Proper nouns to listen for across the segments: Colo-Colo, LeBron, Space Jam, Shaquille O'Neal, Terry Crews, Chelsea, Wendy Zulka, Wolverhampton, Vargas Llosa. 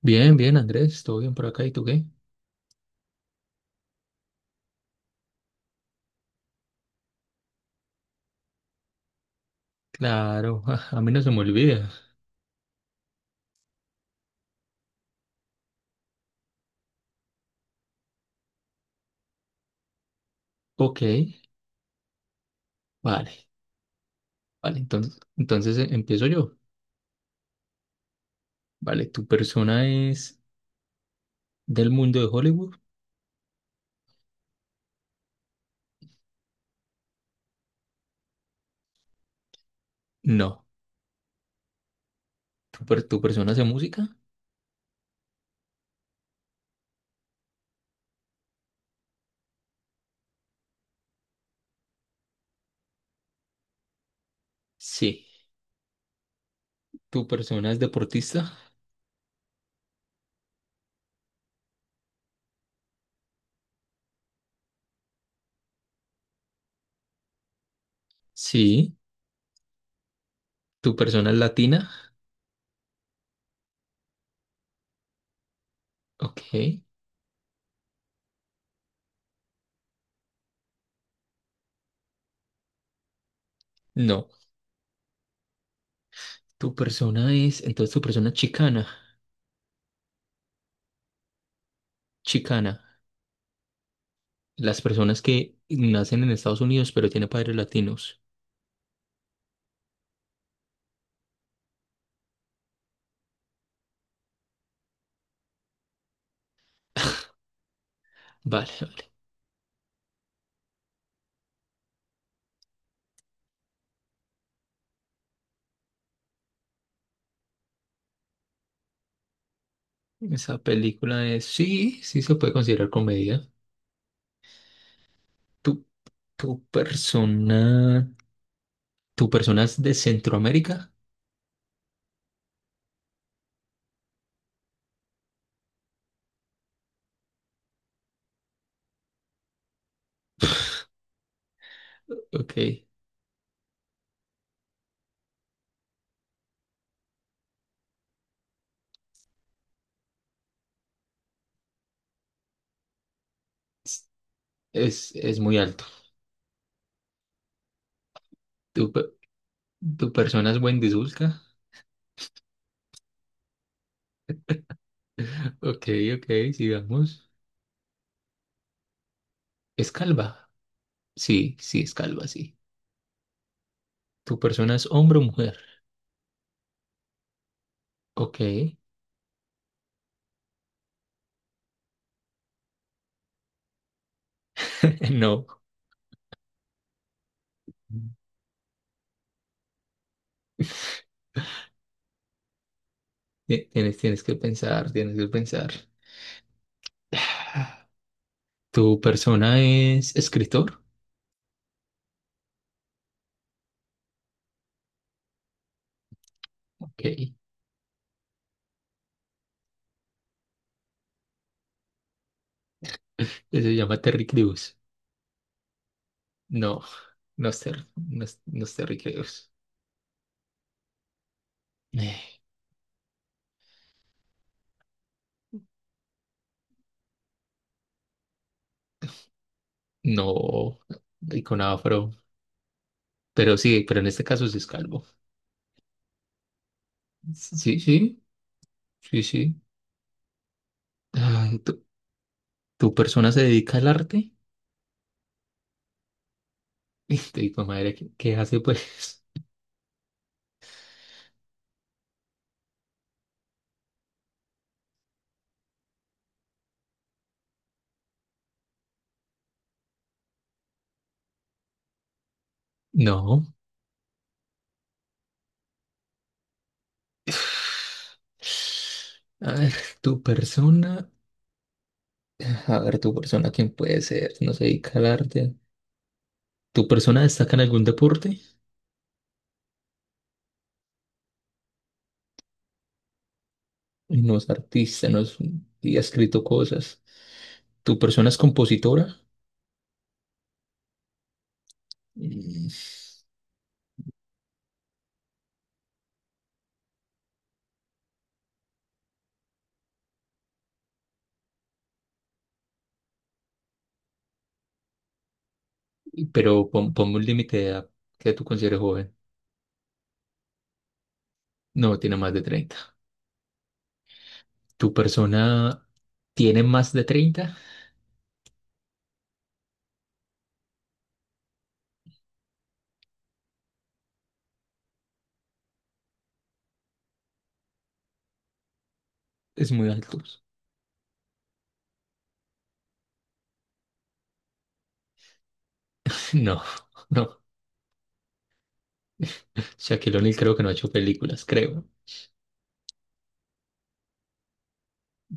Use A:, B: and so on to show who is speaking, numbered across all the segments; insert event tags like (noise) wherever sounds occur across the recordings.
A: Bien, bien, Andrés, todo bien por acá, ¿y tú qué? Claro, (laughs) a mí no se me olvida. Ok, vale, vale, entonces, entonces empiezo yo. Vale, ¿tu persona es del mundo de Hollywood? No. Tu persona hace música? Sí. ¿Tu persona es deportista? Sí. ¿Tu persona es latina? Ok, no. ¿Tu persona es, entonces tu persona es chicana? Chicana. Las personas que nacen en Estados Unidos pero tienen padres latinos. Vale. Esa película es, sí, sí se puede considerar comedia. Tu, tu persona, tu persona es de Centroamérica, ok, es muy alto. Tu, pe- Tu persona es Wendisulca, ok, ok, sigamos. Es calva, sí, sí, es calva, sí. ¿Tu persona es hombre o mujer? Ok, (laughs) no. Tienes, tienes que pensar, tienes que pensar. (sighs) ¿Tu persona es escritor? Ok, se llama Terry Crews. No, no es, no es, no es terriqueos. Eh, no, con afro. Pero sí, pero en este caso sí es calvo. Sí, sí, sí, sí. Ay, ¿tu, tu persona se dedica al arte? (laughs) Y te digo, madre, ¿qué, qué hace pues? (laughs) No. A ver, tu persona. A ver, tu persona, ¿quién puede ser? No se dedica al arte. ¿Tu persona destaca en algún deporte? No es artista, no es, y ha escrito cosas. ¿Tu persona es compositora? Mm. Pero ponme un límite de edad que tú consideres joven. No, tiene más de 30. ¿Tu persona tiene más de 30? Es muy alto. (laughs) No, no. Shaquille O'Neal creo que no ha hecho películas, creo.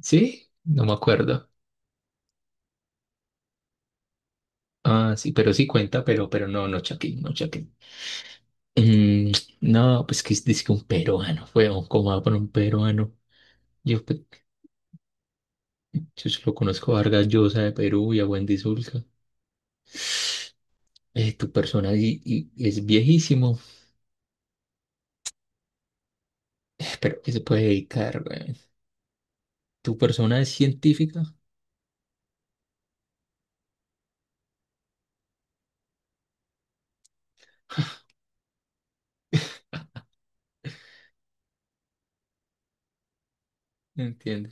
A: ¿Sí? No me acuerdo. Ah, sí, pero sí cuenta, pero no, no Shaquille, no Shaquille. Mm, no, pues que es dice un peruano, fue oh, ¿cómo va por un peruano? Yo, pe- yo solo conozco a Vargas Llosa de Perú y a Wendy Zulka. Tu persona y es viejísimo. (sighs) ¿Pero que se puede dedicar, güey? ¿Tu persona es científica? Entiendo.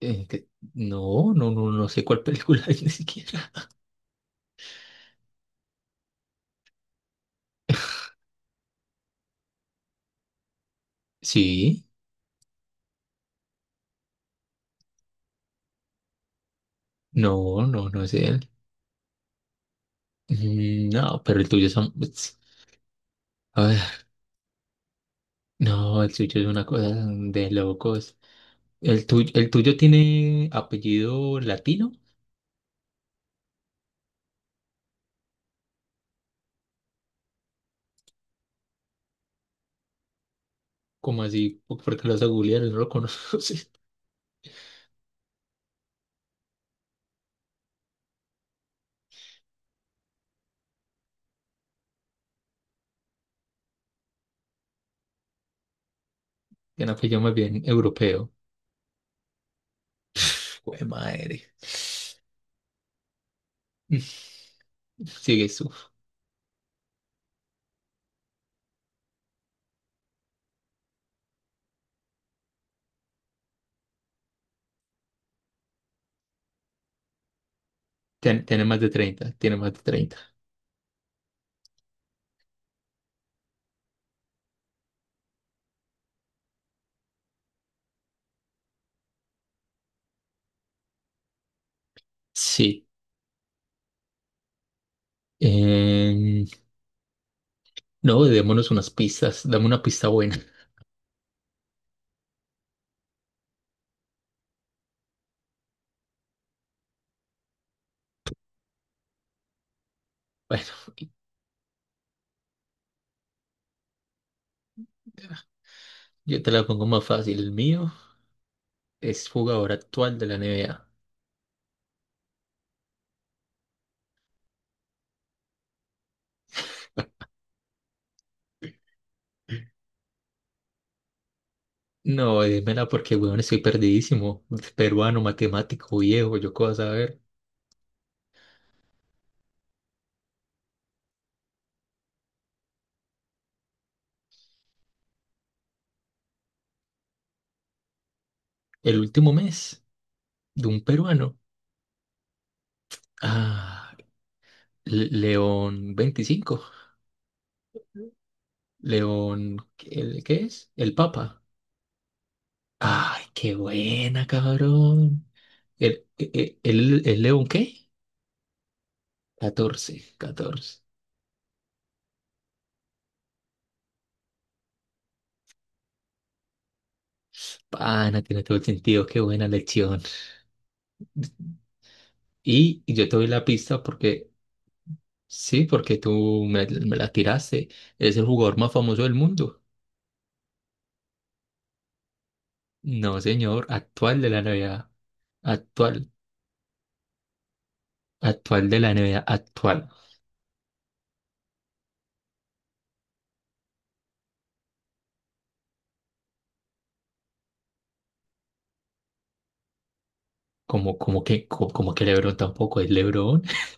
A: Eh, que- no, no, no, no sé cuál (laughs) película es ni siquiera. Sí, no, no, no es él. Mm, no, pero el tuyo es un- es- a ver, no, el tuyo es una cosa de locos. El tuyo tiene apellido latino? ¿Cómo así? Por qué lo vas a googlear? No lo conoces. (laughs) Tiene apellido más bien europeo. (sighs) Jue madre. (laughs) Mm. Sigues tú. Tiene más de 30, tiene más de 30. Sí. Em, no, démonos unas pistas. Dame una pista buena. (laughs) Bueno, yo te la pongo más fácil. El mío es jugador actual de la NBA. No, dímela porque, weón, estoy perdidísimo. Peruano, matemático, viejo, yo qué vas a ver. El último mes de un peruano. Ah, León 25. León, ¿el qué es? El Papa. Ay, qué buena, cabrón. El León qué? 14, 14. Pana, tiene todo el sentido, qué buena lección. Yo te doy la pista porque, sí, porque tú me la tiraste. Es el jugador más famoso del mundo. No, señor, actual de la NBA. Actual, actual de la NBA, actual. Como, que LeBron tampoco es LeBron. (laughs)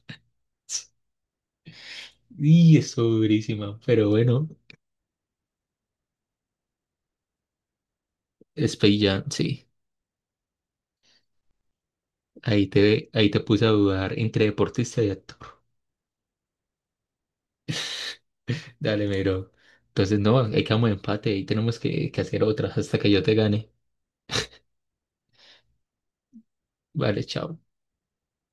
A: Y eso durísima, pero bueno, es Space Jam, sí. Ahí te puse a dudar entre deportista y actor. Dale, mero. Entonces, no, ahí quedamos de empate. Ahí tenemos que hacer otra hasta que yo te gane. Vale, chao.